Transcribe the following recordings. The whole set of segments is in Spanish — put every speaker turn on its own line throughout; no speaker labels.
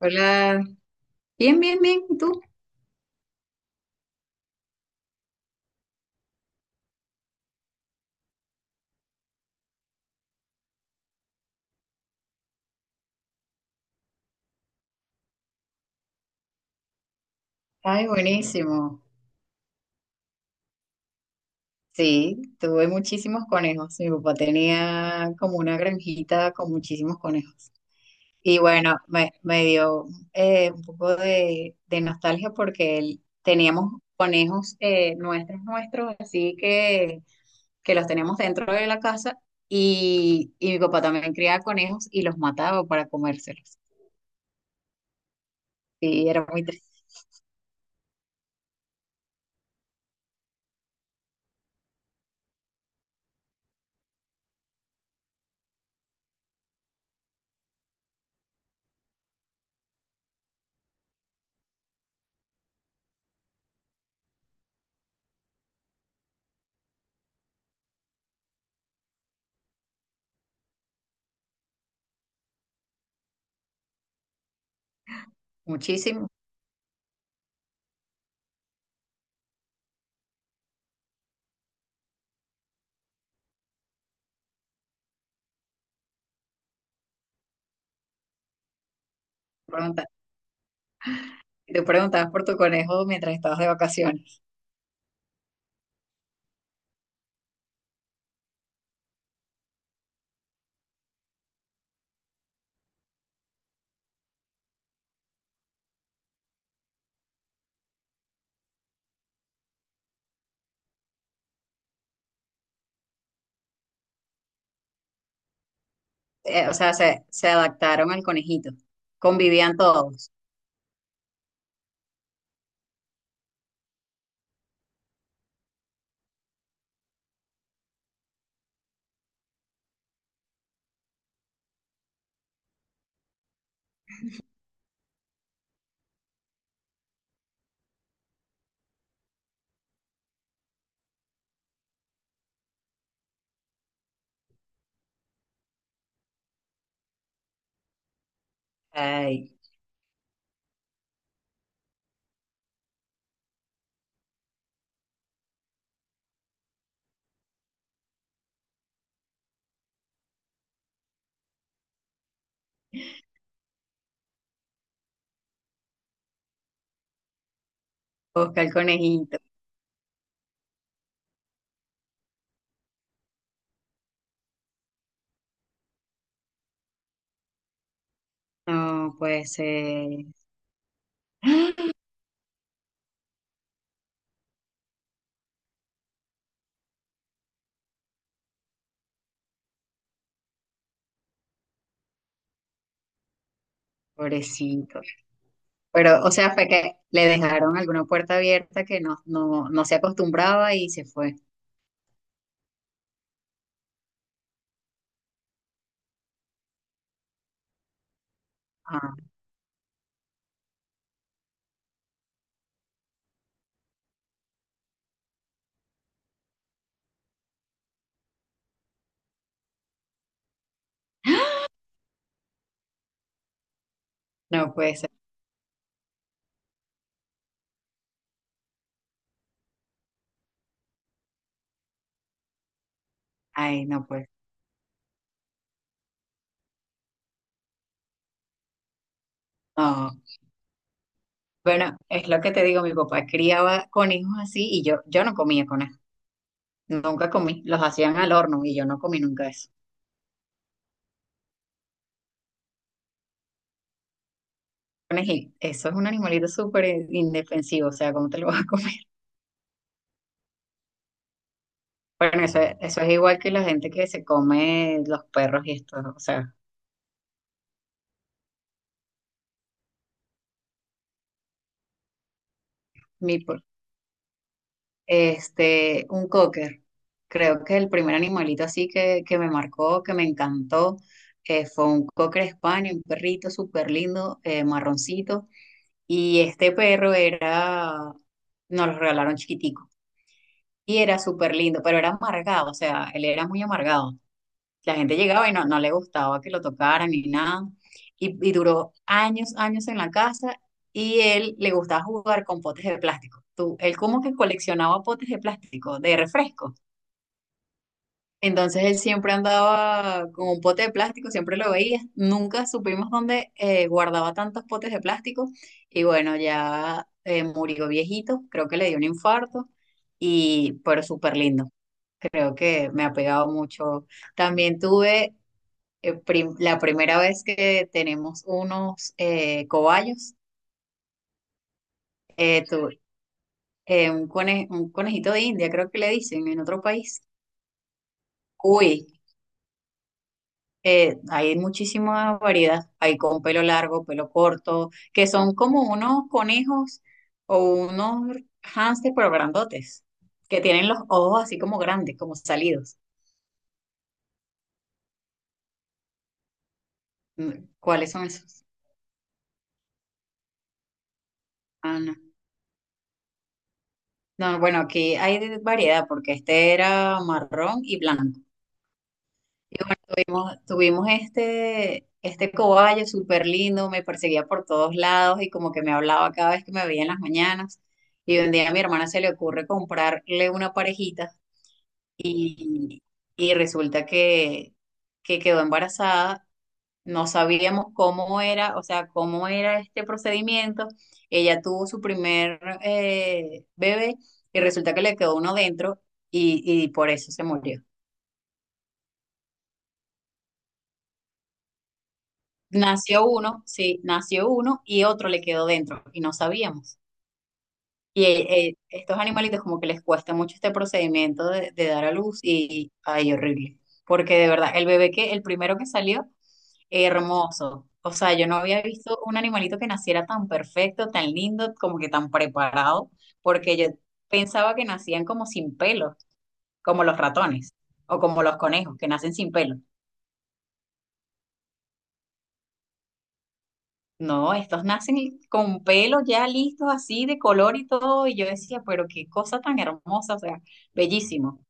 Hola, bien, bien, bien, ¿y tú? Ay, buenísimo. Sí, tuve muchísimos conejos. Mi papá tenía como una granjita con muchísimos conejos. Y bueno, me dio un poco de nostalgia porque él- teníamos conejos nuestros, así que los teníamos dentro de la casa y mi papá también criaba conejos y los mataba para comérselos. Sí, era muy triste. Muchísimo. Y tú preguntabas por tu conejo mientras estabas de vacaciones. O sea, se adaptaron al conejito. Convivían todos. Ay, busca el conejito. No, pues, pobrecito. Pero, o sea, fue que le dejaron alguna puerta abierta que no, no, no se acostumbraba y se fue. Ah, no puede ser. Ay, no puede. No. Bueno, es lo que te digo, mi papá criaba conejos así y yo no comía conejos. Nunca comí. Los hacían al horno y yo no comí nunca eso. Conejito, eso es un animalito súper indefensivo, o sea, ¿cómo te lo vas a comer? Bueno, eso es igual que la gente que se come los perros y esto, o sea, meatball. Este, un cocker, creo que el primer animalito así que me marcó, que me encantó, fue un cocker español, un perrito súper lindo, marroncito, y este perro era, nos lo regalaron chiquitico, y era súper lindo, pero era amargado, o sea, él era muy amargado. La gente llegaba y no, no le gustaba que lo tocaran ni nada. Y duró años, años en la casa y él le gustaba jugar con potes de plástico. Tú, él como que coleccionaba potes de plástico, de refresco. Entonces él siempre andaba con un pote de plástico, siempre lo veía. Nunca supimos dónde guardaba tantos potes de plástico. Y bueno, ya murió viejito, creo que le dio un infarto. Y, pero súper lindo, creo que me ha pegado mucho. También tuve la primera vez que tenemos unos cobayos, eh, tu- un, cone- un conejito de India, creo que le dicen en otro país. Uy, hay muchísima variedad. Hay con pelo largo, pelo corto, que son como unos conejos o unos hámster, pero grandotes, que tienen los ojos así como grandes, como salidos. Mm, ¿cuáles son esos? Ah, no. No, bueno, aquí hay de- variedad porque este era marrón y blanco. Y bueno, tuvimos, tuvimos este, este cobayo súper lindo, me perseguía por todos lados y como que me hablaba cada vez que me veía en las mañanas. Y un día a mi hermana se le ocurre comprarle una parejita y, y resulta que quedó embarazada. No sabíamos cómo era, o sea, cómo era este procedimiento. Ella tuvo su primer bebé y resulta que le quedó uno dentro y por eso se murió. Nació uno, sí, nació uno y otro le quedó dentro y no sabíamos. Y estos animalitos como que les cuesta mucho este procedimiento de dar a luz y, ay, horrible. Porque de verdad, el bebé que, el primero que salió, hermoso. O sea, yo no había visto un animalito que naciera tan perfecto, tan lindo, como que tan preparado, porque yo pensaba que nacían como sin pelo, como los ratones o como los conejos, que nacen sin pelo. No, estos nacen con pelo ya listos así de color y todo, y yo decía, pero qué cosa tan hermosa, o sea, bellísimo.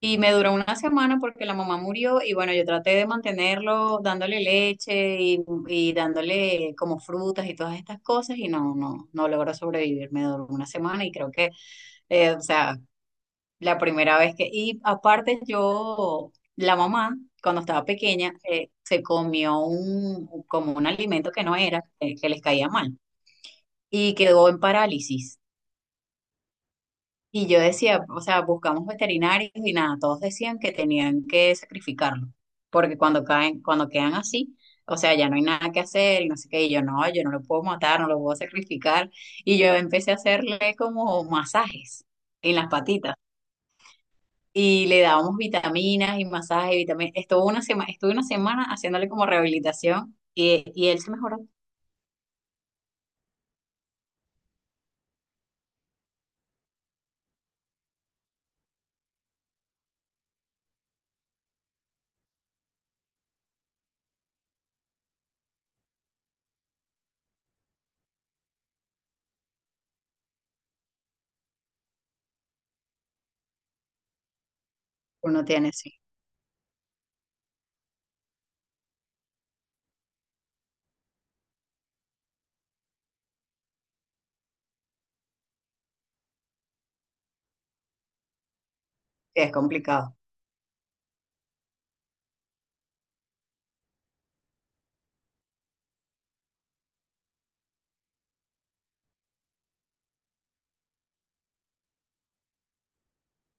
Y me duró una semana porque la mamá murió y bueno, yo traté de mantenerlo dándole leche y dándole como frutas y todas estas cosas y no, no, no logró sobrevivir. Me duró una semana y creo que, o sea, la primera vez que, y aparte yo, la mamá, cuando estaba pequeña, se comió un, como un alimento que no era, que les caía mal y quedó en parálisis. Y yo decía, o sea, buscamos veterinarios y nada, todos decían que tenían que sacrificarlo, porque cuando caen, cuando quedan así, o sea, ya no hay nada que hacer, y no sé qué, y yo no, yo no lo puedo matar, no lo puedo sacrificar. Y yo empecé a hacerle como masajes en las patitas. Y le dábamos vitaminas y masajes y vitaminas. Estuvo una sema Estuve una semana haciéndole como rehabilitación y él se mejoró. Uno tiene, sí, es complicado.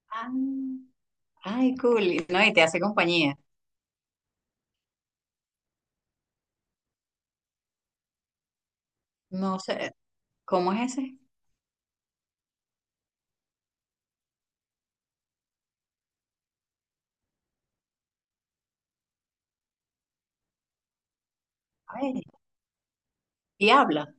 Ah, ay, cool. No, y te hace compañía. No sé, ¿cómo es ese? A ver, y habla.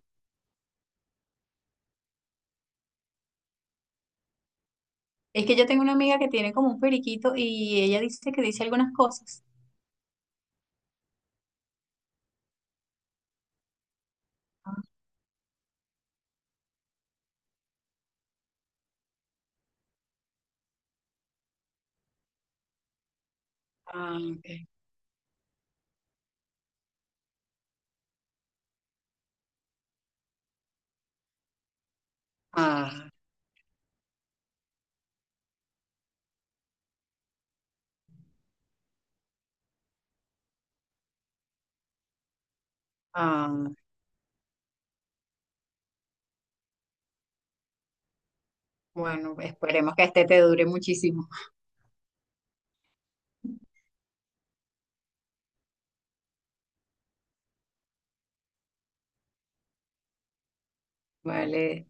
Es que yo tengo una amiga que tiene como un periquito y ella dice que dice algunas cosas. Ah, ok. Ah, ah, bueno, esperemos que este te dure muchísimo. Vale,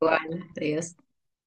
igual, adiós.